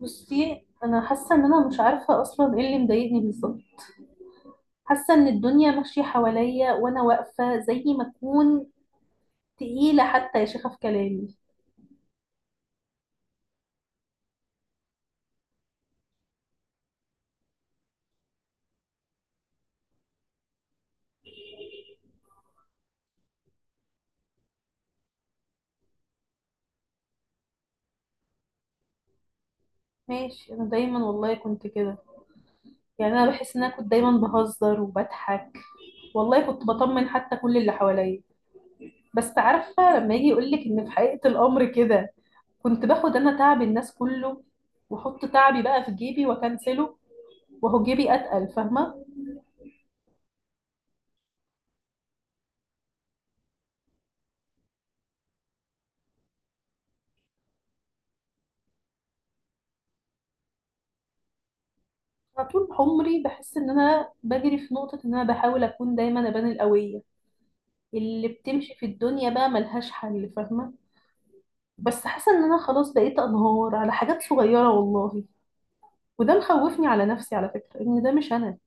بصي، انا حاسه ان انا مش عارفه اصلا ايه اللي مضايقني بالظبط. حاسه ان الدنيا ماشيه حواليا وانا واقفه زي ما اكون تقيله. حتى يا شيخه في كلامي. ماشي، انا دايما والله كنت كده. يعني انا بحس ان انا كنت دايما بهزر وبضحك، والله كنت بطمن حتى كل اللي حواليا. بس عارفه، لما يجي يقولك ان في حقيقه الامر كده، كنت باخد انا تعب الناس كله، واحط تعبي بقى في جيبي واكنسله، وهو جيبي اتقل، فاهمه؟ أنا طول عمري بحس إن أنا بجري في نقطة، إن أنا بحاول أكون دايما أبان القوية اللي بتمشي في الدنيا بقى ملهاش حل، فاهمة؟ بس حاسة إن أنا خلاص بقيت أنهار على حاجات صغيرة والله، وده مخوفني على نفسي على فكرة، إن ده مش أنا.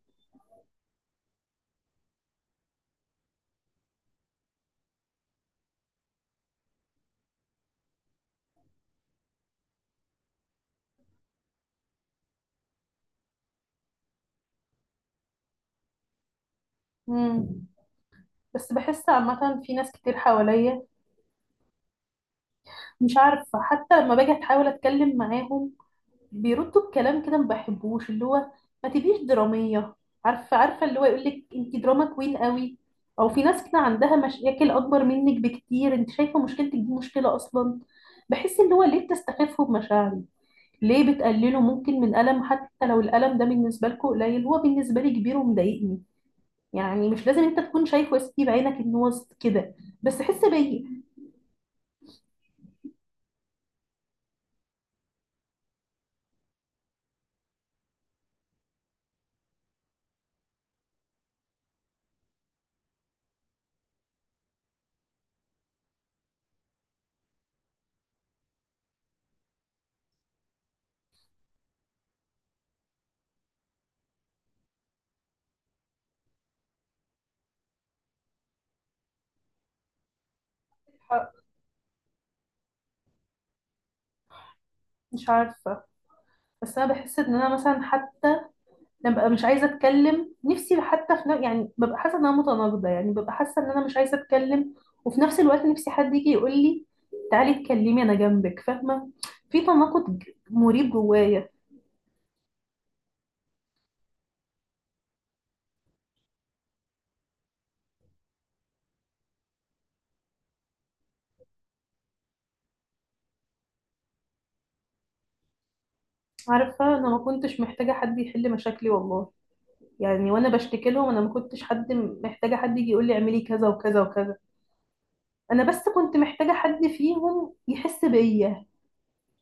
مم. بس بحس عامة في ناس كتير حواليا، مش عارفة، حتى لما باجي أحاول أتكلم معاهم بيردوا بكلام كده ما بحبوش، اللي هو ما تبقيش درامية. عارفة اللي هو يقول لك انت دراما كوين قوي، او في ناس كده عندها مشاكل اكبر منك بكتير، انت شايفة مشكلتك دي مشكلة اصلا؟ بحس اللي هو ليه بتستخفوا بمشاعري؟ ليه بتقللوا ممكن من ألم؟ حتى لو الألم ده بالنسبة لكم قليل، هو بالنسبة لي كبير ومضايقني. يعني مش لازم انت تكون شايفه يا ستي بعينك ان هو كده، بس حس بيا. مش عارفة، بس أنا بحس إن أنا مثلا حتى انا ببقى مش عايزه اتكلم نفسي حتى في يعني ببقى حاسه ان انا متناقضه، يعني ببقى حاسه ان انا مش عايزه اتكلم، وفي نفس الوقت نفسي حد يجي يقول لي: تعالي اتكلمي، انا جنبك، فاهمه؟ في تناقض مريب جوايا. عارفه، انا ما كنتش محتاجه حد يحل مشاكلي والله، يعني وانا بشتكي لهم انا ما كنتش محتاجه حد يجي يقول لي اعملي كذا وكذا وكذا. انا بس كنت محتاجه حد فيهم يحس بيا،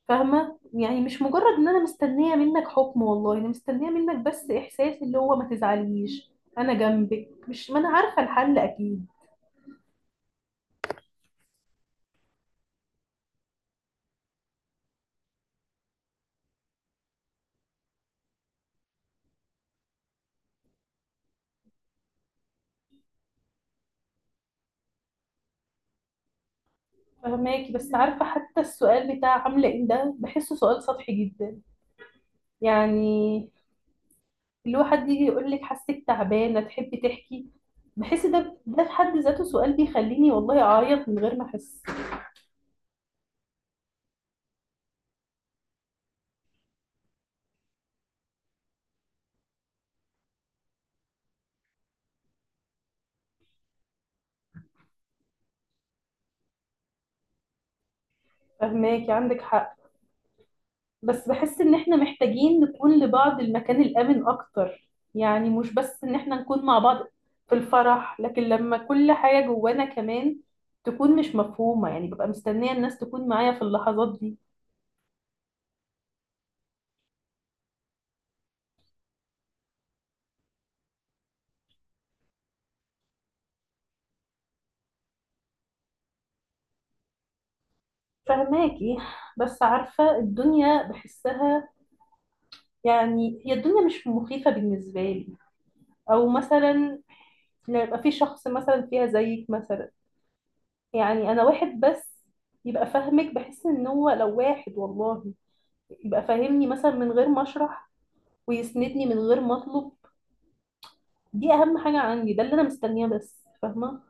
فاهمة؟ يعني مش مجرد ان انا مستنية منك حكم، والله انا مستنية منك بس احساس، اللي هو ما تزعليش، انا جنبك، مش ما انا عارفة الحل اكيد. فهماكي، بس عارفة حتى السؤال بتاع عاملة ايه ده بحسه سؤال سطحي جدا. يعني اللي هو حد يجي يقول لك حاسك تعبانة، تحبي تحكي؟ بحس ده في حد ذاته سؤال بيخليني والله اعيط من غير ما احس. فهماكي، عندك حق، بس بحس ان احنا محتاجين نكون لبعض المكان الامن اكتر. يعني مش بس ان احنا نكون مع بعض في الفرح، لكن لما كل حاجة جوانا كمان تكون مش مفهومة، يعني ببقى مستنية الناس تكون معايا في اللحظات دي. فهماكي، بس عارفة الدنيا بحسها، يعني هي الدنيا مش مخيفة بالنسبة لي، او مثلا لو يبقى في شخص مثلا فيها زيك مثلا. يعني انا واحد بس يبقى فاهمك، بحس ان هو لو واحد والله يبقى فاهمني مثلا من غير ما اشرح، ويسندني من غير ما اطلب. دي اهم حاجه عندي، ده اللي انا مستنياه بس، فاهمه؟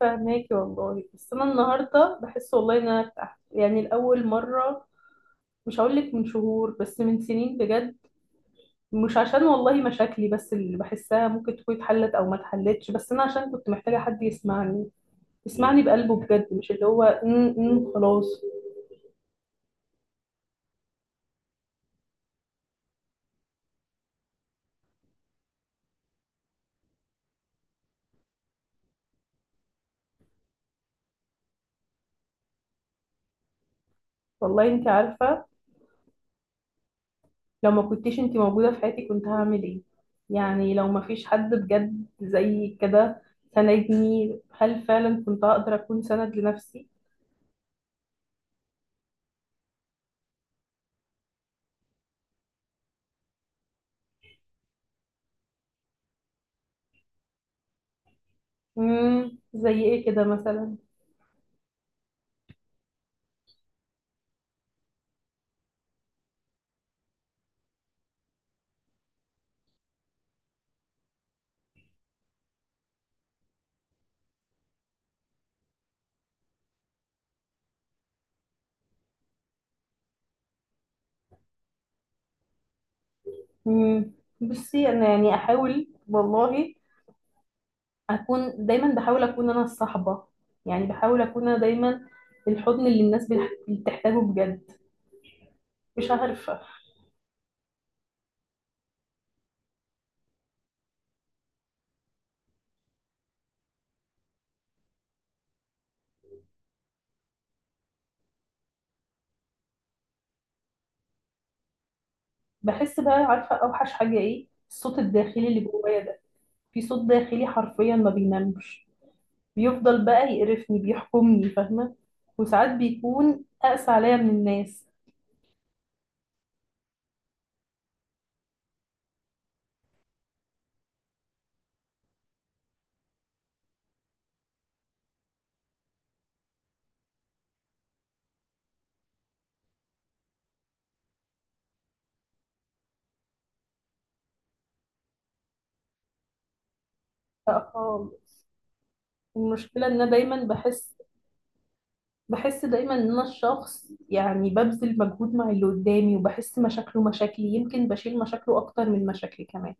فاهماكي والله، بس انا النهارده بحس والله ان انا ارتحت يعني لاول مره. مش هقول لك من شهور، بس من سنين بجد. مش عشان والله مشاكلي بس اللي بحسها ممكن تكون اتحلت او ما اتحلتش، بس انا عشان كنت محتاجه حد يسمعني، يسمعني بقلبه بجد، مش اللي هو خلاص. والله انت عارفه لو ما كنتيش انتي موجودة في حياتي كنت هعمل ايه؟ يعني لو ما فيش حد بجد زي كده سندني، هل فعلا كنت هقدر اكون سند لنفسي؟ مم. زي ايه كده مثلا؟ مم. بصي، انا يعني احاول والله اكون دايما، بحاول اكون انا الصحبة، يعني بحاول اكون انا دايما الحضن اللي الناس بتحتاجه بجد. مش عارفة. بحس بقى، عارفة اوحش حاجة ايه؟ الصوت الداخلي اللي جوايا ده. في صوت داخلي حرفيا ما بينامش، بيفضل بقى يقرفني بيحكمني، فاهمة؟ وساعات بيكون أقسى عليا من الناس. لا خالص. المشكلة إن أنا دايما بحس، بحس دايما إن أنا الشخص يعني ببذل مجهود مع اللي قدامي وبحس مشاكله مشاكلي، يمكن بشيل مشاكله أكتر من مشاكلي كمان.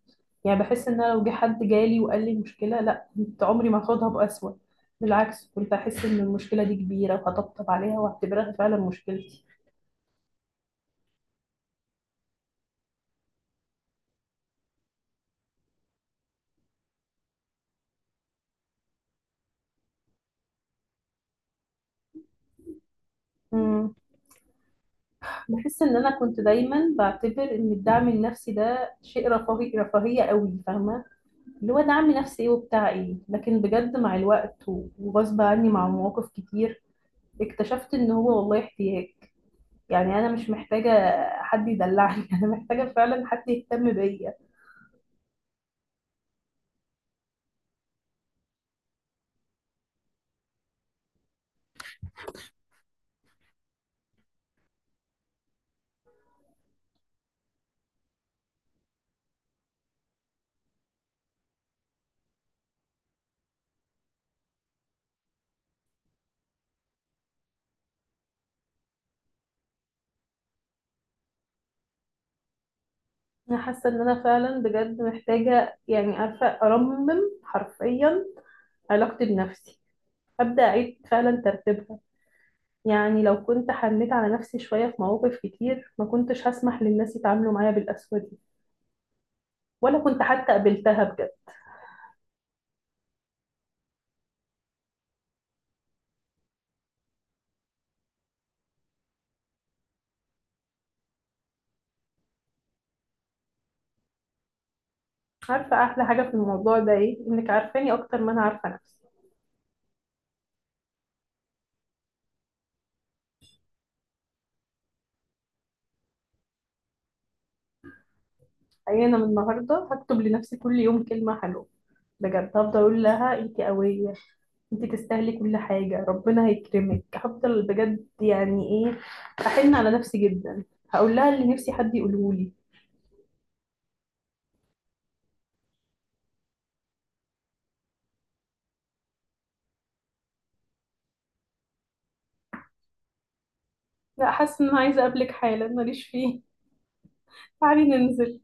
يعني بحس إن أنا لو جه حد جالي وقال لي مشكلة، لا كنت عمري ما هاخدها بأسوأ، بالعكس كنت أحس إن المشكلة دي كبيرة وهطبطب عليها وأعتبرها فعلا مشكلتي. بحس ان انا كنت دايما بعتبر ان الدعم النفسي ده شيء رفاهيه قوي، فاهمه؟ اللي هو دعم نفسي ايه وبتاع ايه، لكن بجد مع الوقت و- وغصب عني مع مواقف كتير اكتشفت ان هو والله احتياج. يعني انا مش محتاجه حد يدلعني انا محتاجه فعلا حد يهتم بيا. انا حاسه ان انا فعلا بجد محتاجه، يعني عارفه، ارمم حرفيا علاقتي بنفسي، ابدا اعيد فعلا ترتيبها. يعني لو كنت حنيت على نفسي شوية في مواقف كتير ما كنتش هسمح للناس يتعاملوا معايا بالقسوة دي، ولا كنت حتى قبلتها بجد. عارفة أحلى حاجة في الموضوع ده إيه؟ إنك عارفاني أكتر ما أنا عارفة نفسي. يعني أنا من النهاردة هكتب لنفسي كل يوم كلمة حلوة، بجد هفضل أقول لها أنت قوية، أنت تستاهلي كل حاجة، ربنا هيكرمك، هفضل بجد يعني إيه، أحن على نفسي جدا، هقول لها اللي نفسي حد يقوله لي. لا، حاسة إن أنا عايزة أقابلك حالا، ماليش فيه. تعالي ننزل.